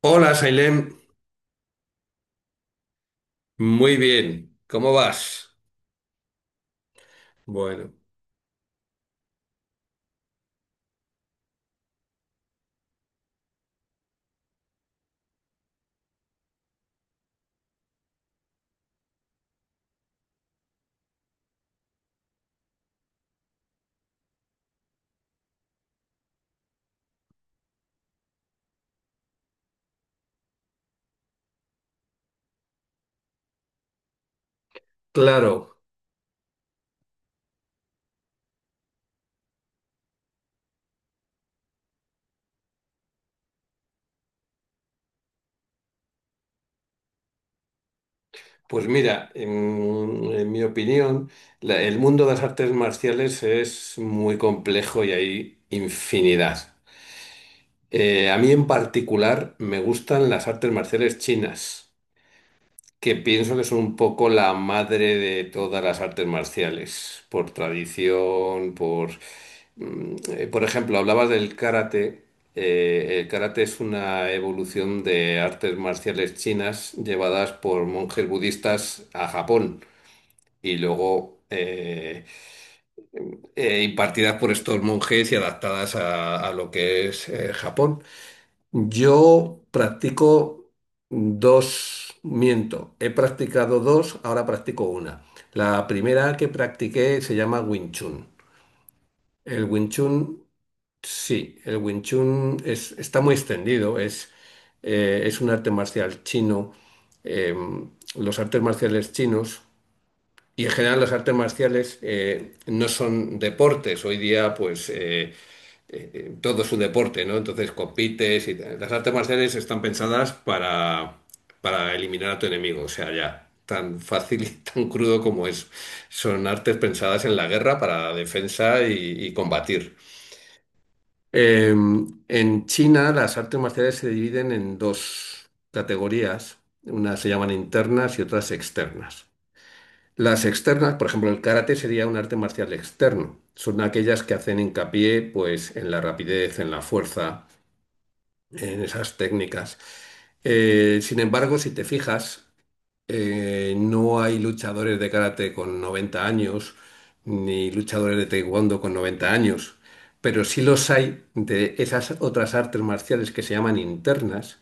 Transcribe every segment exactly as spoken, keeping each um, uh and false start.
Hola, Sailem. Muy bien. ¿Cómo vas? Bueno, claro. Pues mira, en, en mi opinión, la- el mundo de las artes marciales es muy complejo y hay infinidad. Eh, a mí en particular me gustan las artes marciales chinas, que pienso que son un poco la madre de todas las artes marciales, por tradición, por... mm, eh, Por ejemplo, hablabas del karate. Eh, el karate es una evolución de artes marciales chinas llevadas por monjes budistas a Japón, y luego eh, eh, impartidas por estos monjes y adaptadas a, a lo que es eh, Japón. Yo practico dos, miento, he practicado dos, ahora practico una. La primera que practiqué se llama Wing Chun. El Wing Chun, sí, el Wing Chun es- está muy extendido, es, eh, es un arte marcial chino. eh, los artes marciales chinos y, en general, las artes marciales eh, no son deportes. Hoy día, pues, eh, eh, eh, todo su deporte, ¿no? Entonces compites y tal. Las artes marciales están pensadas para, para eliminar a tu enemigo, o sea, ya, tan fácil y tan crudo como es. Son artes pensadas en la guerra para defensa y, y combatir. Eh, en China las artes marciales se dividen en dos categorías: unas se llaman internas y otras externas. Las externas, por ejemplo, el karate sería un arte marcial externo. Son aquellas que hacen hincapié, pues, en la rapidez, en la fuerza, en esas técnicas. Eh, sin embargo, si te fijas, eh, no hay luchadores de karate con noventa años, ni luchadores de taekwondo con noventa años, pero sí los hay de esas otras artes marciales que se llaman internas,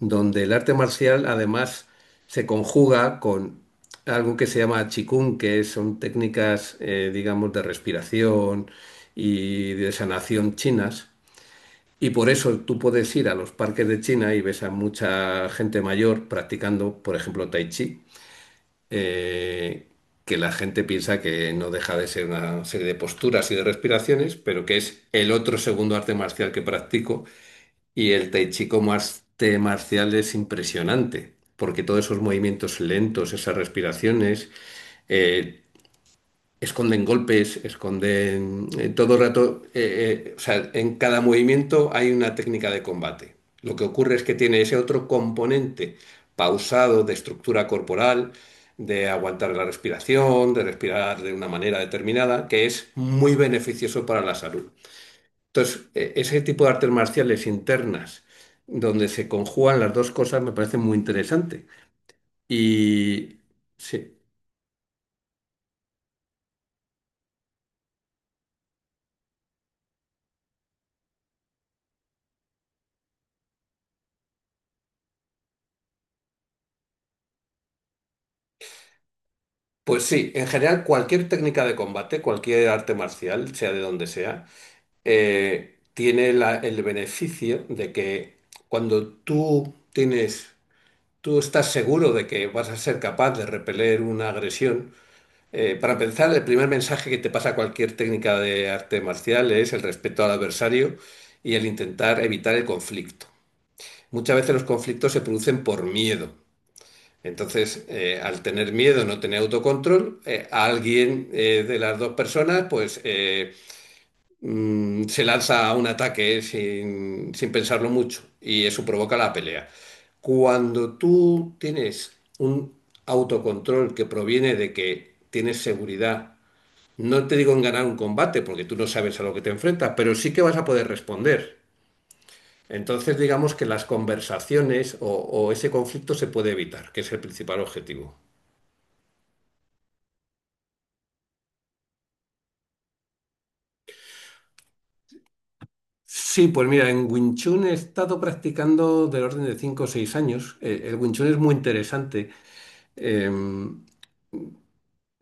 donde el arte marcial además se conjuga con algo que se llama chikun, que son técnicas, eh, digamos, de respiración y de sanación chinas, y por eso tú puedes ir a los parques de China y ves a mucha gente mayor practicando, por ejemplo, tai chi, eh, que la gente piensa que no deja de ser una serie de posturas y de respiraciones, pero que es el otro segundo arte marcial que practico. Y el tai chi como arte marcial es impresionante, porque todos esos movimientos lentos, esas respiraciones, eh, esconden golpes, esconden eh, todo el rato, eh, eh, o sea, en cada movimiento hay una técnica de combate. Lo que ocurre es que tiene ese otro componente pausado de estructura corporal, de aguantar la respiración, de respirar de una manera determinada, que es muy beneficioso para la salud. Entonces, eh, ese tipo de artes marciales internas, donde se conjugan las dos cosas, me parece muy interesante. Y sí. Pues sí, en general cualquier técnica de combate, cualquier arte marcial, sea de donde sea, eh, tiene la- el beneficio de que, cuando tú tienes, tú estás seguro de que vas a ser capaz de repeler una agresión. Eh, para empezar, el primer mensaje que te pasa cualquier técnica de arte marcial es el respeto al adversario y el intentar evitar el conflicto. Muchas veces los conflictos se producen por miedo. Entonces, eh, al tener miedo, no tener autocontrol, eh, a alguien eh, de las dos personas, pues eh, mm, se lanza a un ataque sin, sin pensarlo mucho, y eso provoca la pelea. Cuando tú tienes un autocontrol que proviene de que tienes seguridad, no te digo en ganar un combate, porque tú no sabes a lo que te enfrentas, pero sí que vas a poder responder. Entonces, digamos que las conversaciones o o ese conflicto se puede evitar, que es el principal objetivo. Sí, pues mira, en Wing Chun he estado practicando del orden de cinco o seis años. Eh, El Wing Chun es muy interesante. Eh,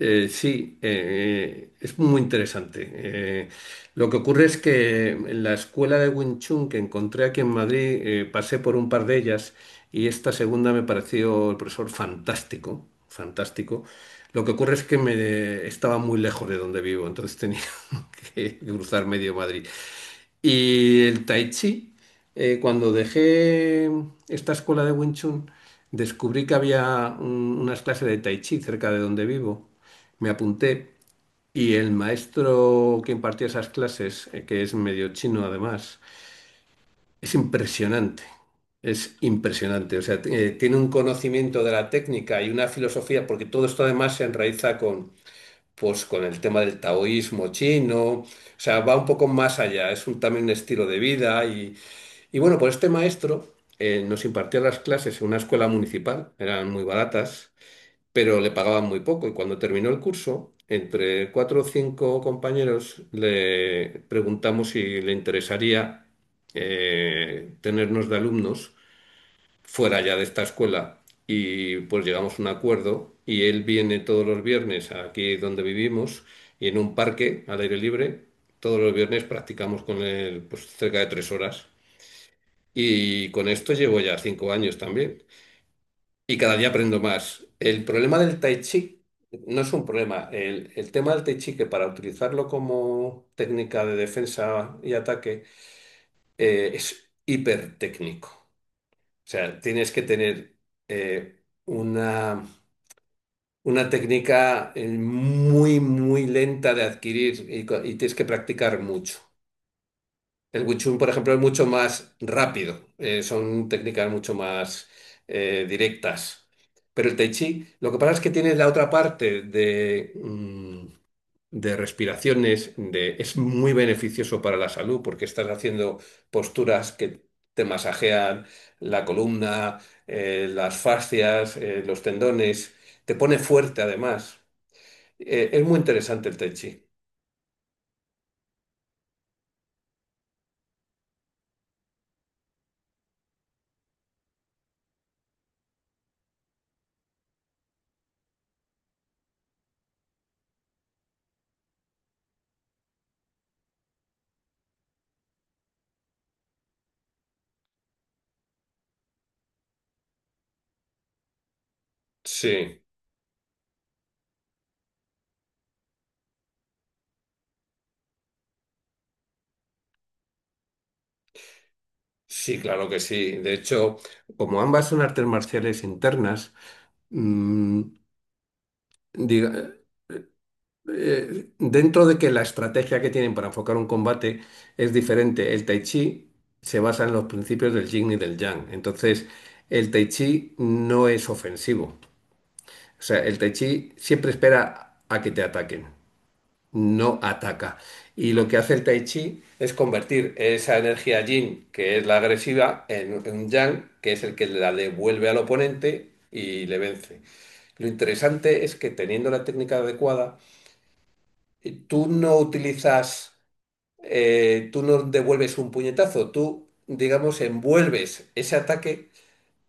eh, sí, eh, eh, es muy interesante. Eh, lo que ocurre es que en la escuela de Wing Chun que encontré aquí en Madrid, eh, pasé por un par de ellas, y esta segunda me pareció el profesor fantástico, fantástico. Lo que ocurre es que me estaba muy lejos de donde vivo, entonces tenía que cruzar medio Madrid. Y el Tai Chi. Eh, cuando dejé esta escuela de Wing Chun, descubrí que había un- unas clases de Tai Chi cerca de donde vivo. Me apunté, y el maestro que impartía esas clases, eh, que es medio chino además, es impresionante. Es impresionante. O sea, t- eh, tiene un conocimiento de la técnica y una filosofía, porque todo esto además se enraiza con, pues, con el tema del taoísmo chino. O sea, va un poco más allá. Es un, también un estilo de vida, y bueno, pues este maestro eh, nos impartía las clases en una escuela municipal, eran muy baratas, pero le pagaban muy poco. Y cuando terminó el curso, entre cuatro o cinco compañeros le preguntamos si le interesaría eh, tenernos de alumnos fuera ya de esta escuela. Y pues llegamos a un acuerdo y él viene todos los viernes aquí donde vivimos, y en un parque al aire libre, todos los viernes practicamos con él, pues, cerca de tres horas. Y con esto llevo ya cinco años también. Y cada día aprendo más. El problema del tai chi no es un problema. El, el tema del tai chi, que para utilizarlo como técnica de defensa y ataque, eh, es hipertécnico. O sea, tienes que tener eh, una, una técnica eh, muy, muy lenta de adquirir, y co- y tienes que practicar mucho. El Wing Chun, por ejemplo, es mucho más rápido, eh, son técnicas mucho más eh, directas. Pero el Tai Chi, lo que pasa es que tiene la otra parte de, mm, de respiraciones, de, es muy beneficioso para la salud, porque estás haciendo posturas que te masajean la columna, eh, las fascias, eh, los tendones, te pone fuerte además. Eh, es muy interesante el Tai Chi. Sí. Sí, claro que sí. De hecho, como ambas son artes marciales internas, mm, diga- eh, dentro de que la estrategia que tienen para enfocar un combate es diferente, el Tai Chi se basa en los principios del Yin y del Yang. Entonces, el Tai Chi no es ofensivo. O sea, el Tai Chi siempre espera a que te ataquen, no ataca. Y lo que hace el tai chi es convertir esa energía yin, que es la agresiva, en un yang, que es el que la devuelve al oponente y le vence. Lo interesante es que, teniendo la técnica adecuada, eh, tú no utilizas, eh, tú no devuelves un puñetazo, tú, digamos, envuelves ese ataque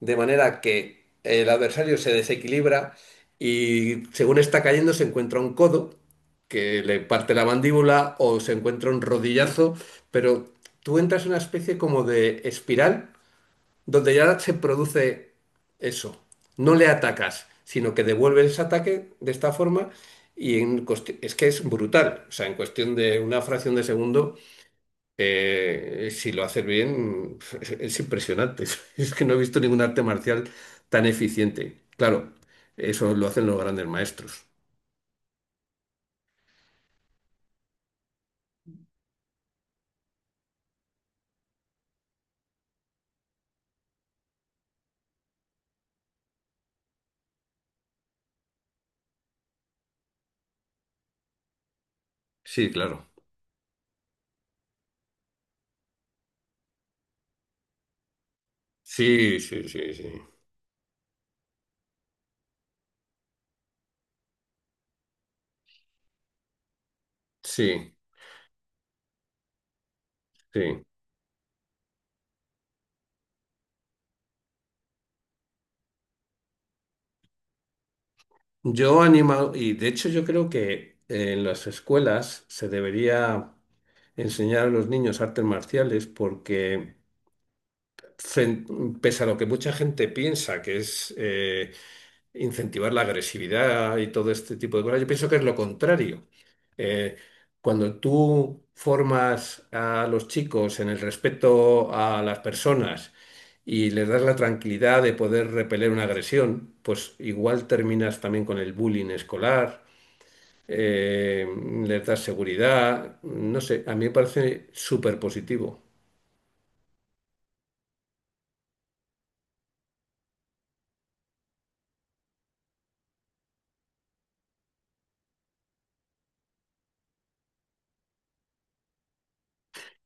de manera que el adversario se desequilibra, y según está cayendo se encuentra un codo que le parte la mandíbula, o se encuentra un rodillazo, pero tú entras en una especie como de espiral donde ya se produce eso. No le atacas, sino que devuelves ese ataque de esta forma. Y en cuestión- es que es brutal. O sea, en cuestión de una fracción de segundo, eh, si lo haces bien, es, es impresionante. Es que no he visto ningún arte marcial tan eficiente. Claro, eso lo hacen los grandes maestros. Sí, claro. Sí, sí, sí, sí. Sí, sí. Yo animo, y de hecho yo creo que eh, en las escuelas se debería enseñar a los niños artes marciales, porque, fren- pese a lo que mucha gente piensa que es... eh, incentivar la agresividad y todo este tipo de cosas, yo pienso que es lo contrario. Eh, Cuando tú formas a los chicos en el respeto a las personas y les das la tranquilidad de poder repeler una agresión, pues igual terminas también con el bullying escolar. eh, Les das seguridad, no sé, a mí me parece súper positivo.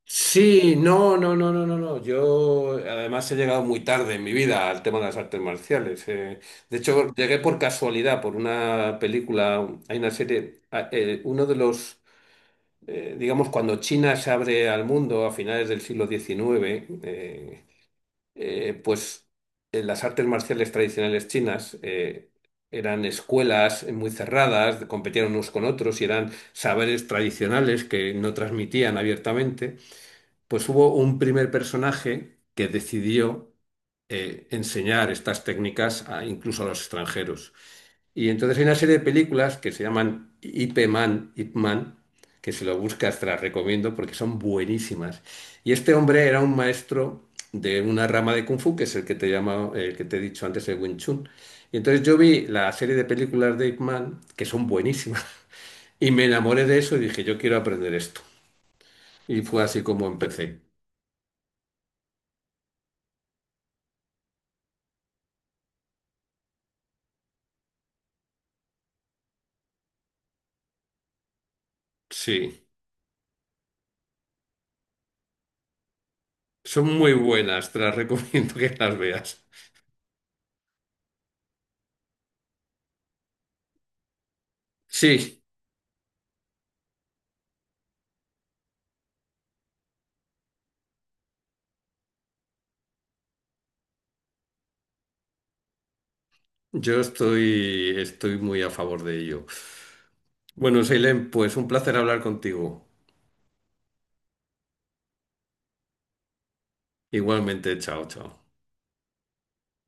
Sí, no, no, no, no, no, no. Yo además he llegado muy tarde en mi vida al tema de las artes marciales. eh. De hecho, llegué por casualidad, por una película, hay una serie, a- eh, uno de los, eh, digamos, cuando China se abre al mundo a finales del siglo diecinueve, eh, eh, pues eh, las artes marciales tradicionales chinas eh, eran escuelas muy cerradas, competían unos con otros y eran saberes tradicionales que no transmitían abiertamente. Pues hubo un primer personaje que decidió eh, enseñar estas técnicas a- incluso a los extranjeros. Y entonces hay una serie de películas que se llaman Ip Man, Ip Man, que, si lo buscas, te las recomiendo porque son buenísimas. Y este hombre era un maestro de una rama de Kung Fu, que es el que te llama, el que te he dicho antes, el Wing Chun. Y entonces yo vi la serie de películas de Ip Man, que son buenísimas, y me enamoré de eso y dije, yo quiero aprender esto. Y fue así como empecé. Sí. Son muy buenas, te las recomiendo que las veas. Sí, yo estoy, estoy muy a favor de ello. Bueno, Seilem, pues un placer hablar contigo. Igualmente, chao, chao.